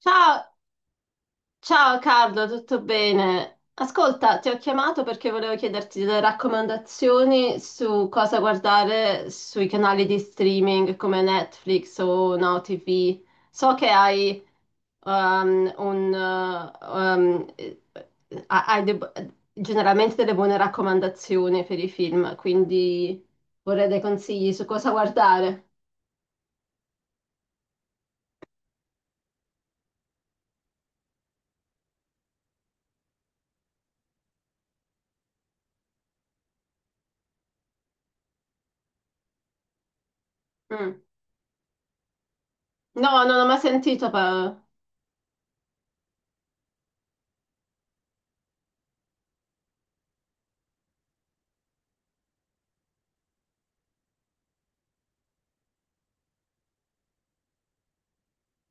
Ciao, ciao Carlo, tutto bene? Ascolta, ti ho chiamato perché volevo chiederti delle raccomandazioni su cosa guardare sui canali di streaming come Netflix o Now TV. So che hai um, un... uh, um, eh, generalmente delle buone raccomandazioni per i film, quindi vorrei dei consigli su cosa guardare. Mm. No, non ho mai sentito.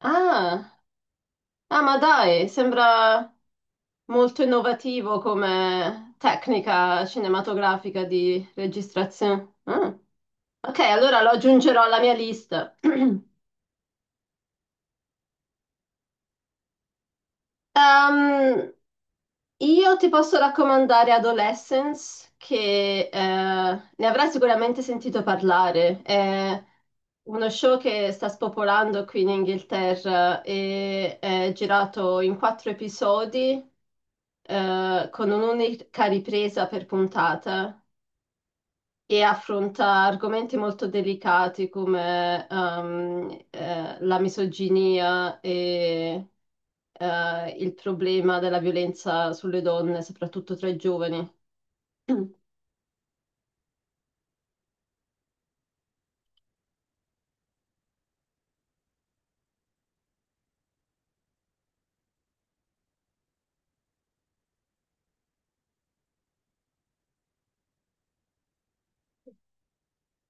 Ah, ah, ma dai, sembra. Molto innovativo come tecnica cinematografica di registrazione. Ah, ok, allora lo aggiungerò alla mia lista. Ehm, io ti posso raccomandare Adolescence, che ne avrai sicuramente sentito parlare. È uno show che sta spopolando qui in Inghilterra e è girato in quattro episodi con un'unica ripresa per puntata. E affronta argomenti molto delicati come la misoginia e il problema della violenza sulle donne, soprattutto tra i giovani.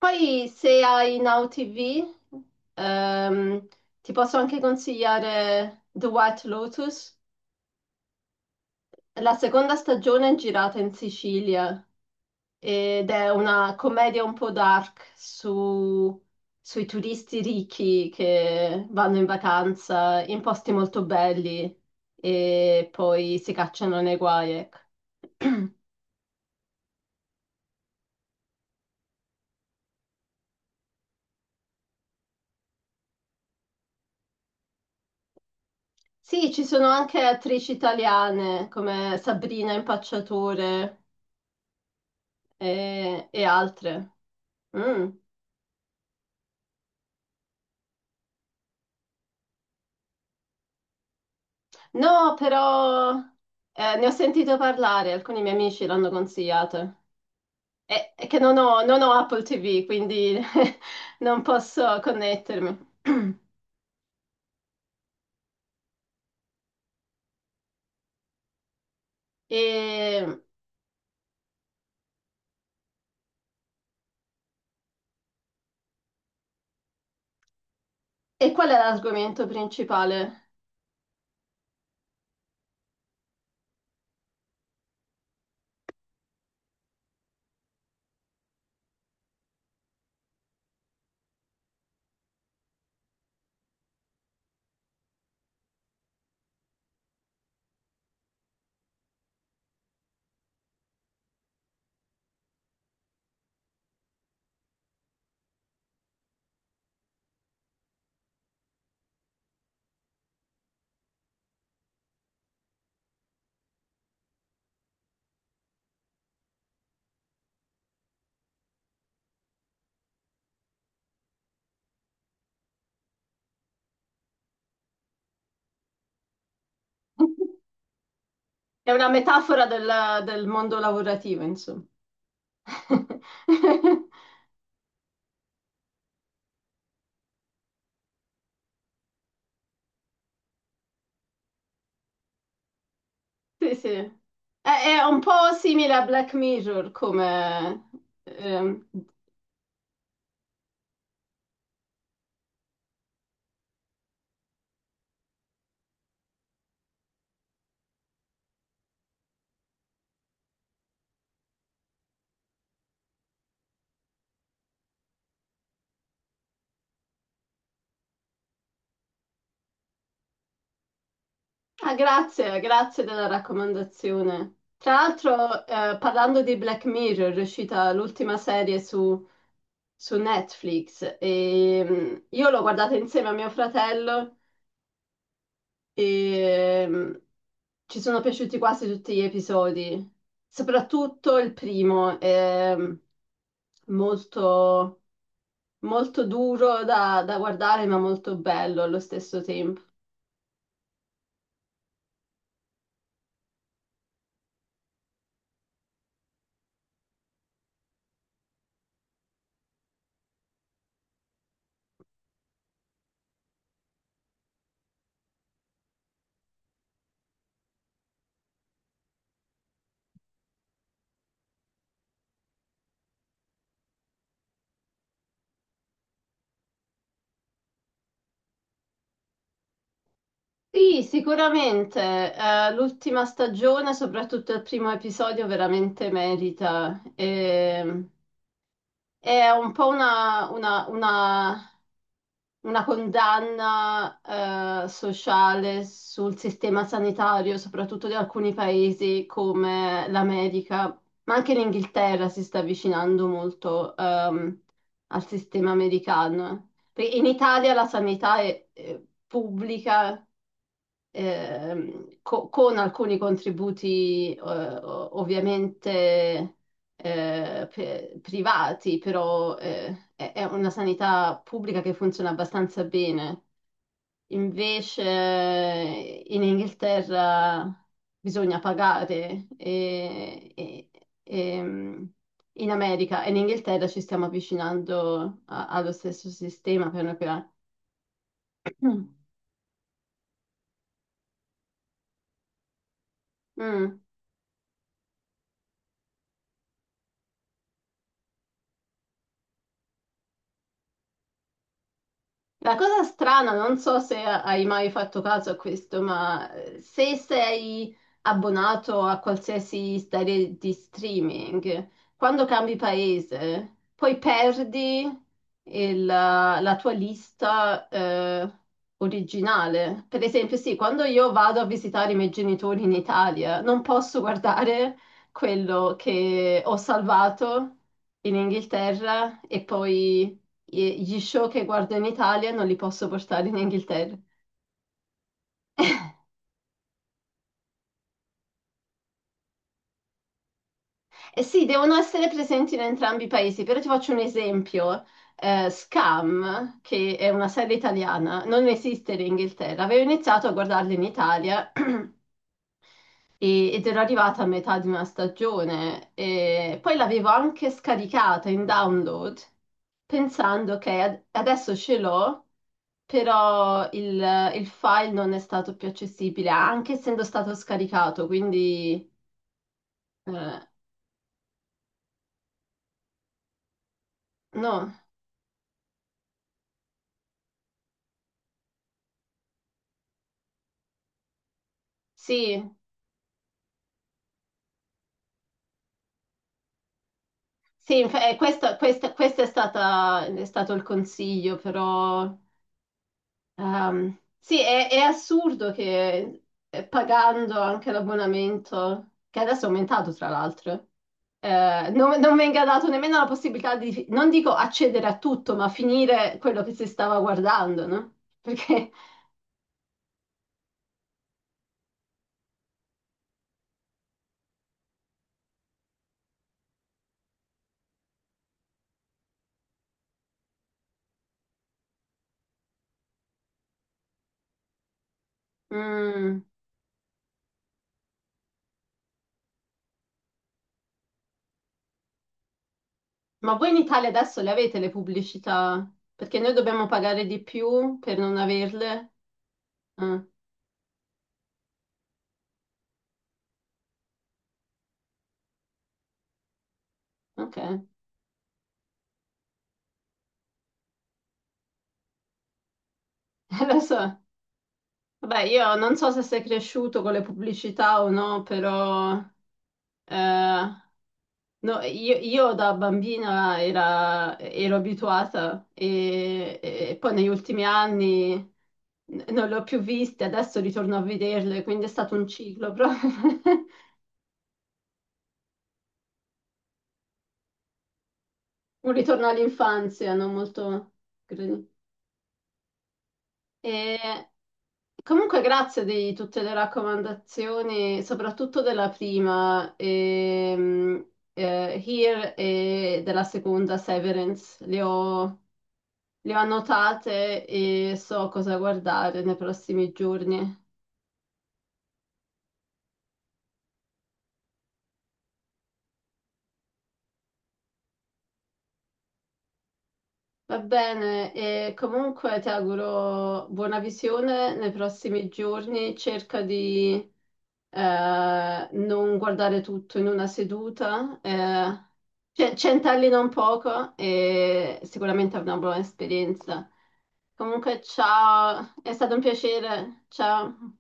Poi se hai Now TV, ehm, ti posso anche consigliare The White Lotus. La seconda stagione è girata in Sicilia ed è una commedia un po' dark sui turisti ricchi che vanno in vacanza in posti molto belli e poi si cacciano nei guai. Ecco. Sì, ci sono anche attrici italiane come Sabrina Impacciatore e altre. Mm. No, però ne ho sentito parlare, alcuni miei amici l'hanno consigliato. È che non ho Apple TV, quindi non posso connettermi. E, e qual è l'argomento principale? È una metafora del mondo lavorativo, insomma. Sì, sì. È un po' simile a Black Mirror come... ehm, ah, grazie, grazie della raccomandazione. Tra l'altro, parlando di Black Mirror, è uscita l'ultima serie su Netflix e io l'ho guardata insieme a mio fratello e ci sono piaciuti quasi tutti gli episodi, soprattutto il primo, è molto, molto duro da guardare ma molto bello allo stesso tempo. Sì, sicuramente, l'ultima stagione, soprattutto il primo episodio, veramente merita. E, è un po' una una condanna sociale sul sistema sanitario, soprattutto di alcuni paesi come l'America, ma anche l'Inghilterra si sta avvicinando molto al sistema americano. Perché in Italia la sanità è pubblica, con alcuni contributi ovviamente privati, però è una sanità pubblica che funziona abbastanza bene. Invece in Inghilterra bisogna pagare e- ehm, in America e in Inghilterra ci stiamo avvicinando allo stesso sistema piano piano. Mm. Mm. La cosa strana, non so se hai mai fatto caso a questo, ma se sei abbonato a qualsiasi serie di streaming, quando cambi paese, poi perdi la tua lista, originale. Per esempio, sì, quando io vado a visitare i miei genitori in Italia, non posso guardare quello che ho salvato in Inghilterra e poi gli show che guardo in Italia non li posso portare in Inghilterra. E sì, devono essere presenti in entrambi i paesi, però ti faccio un esempio. Scam, che è una serie italiana, non esiste in Inghilterra. Avevo iniziato a guardarla in Italia ed ero arrivata a metà di una stagione e poi l'avevo anche scaricata in download pensando che adesso ce l'ho. Però il file non è stato più accessibile, anche essendo stato scaricato, quindi eh, no, sì, questo, questo è è stato il consiglio, però sì, è assurdo che pagando anche l'abbonamento, che adesso è aumentato tra l'altro, non venga dato nemmeno la possibilità di, non dico accedere a tutto, ma finire quello che si stava guardando, no? Perché... mm, ma voi in Italia adesso le avete le pubblicità? Perché noi dobbiamo pagare di più per non averle? Ah, ok, lo so. Vabbè, io non so se sei cresciuto con le pubblicità o no, però eh, no, io da bambina ero abituata e poi negli ultimi anni non le ho più viste, adesso ritorno a vederle, quindi è stato un ciclo proprio. Un ritorno all'infanzia, non molto... credo. E, comunque grazie di tutte le raccomandazioni, soprattutto della prima, Here e della seconda Severance. Le ho annotate e so cosa guardare nei prossimi giorni. Va bene, e comunque ti auguro buona visione nei prossimi giorni. Cerca di non guardare tutto in una seduta, cioè, centellina un poco e sicuramente è una buona esperienza. Comunque, ciao, è stato un piacere. Ciao.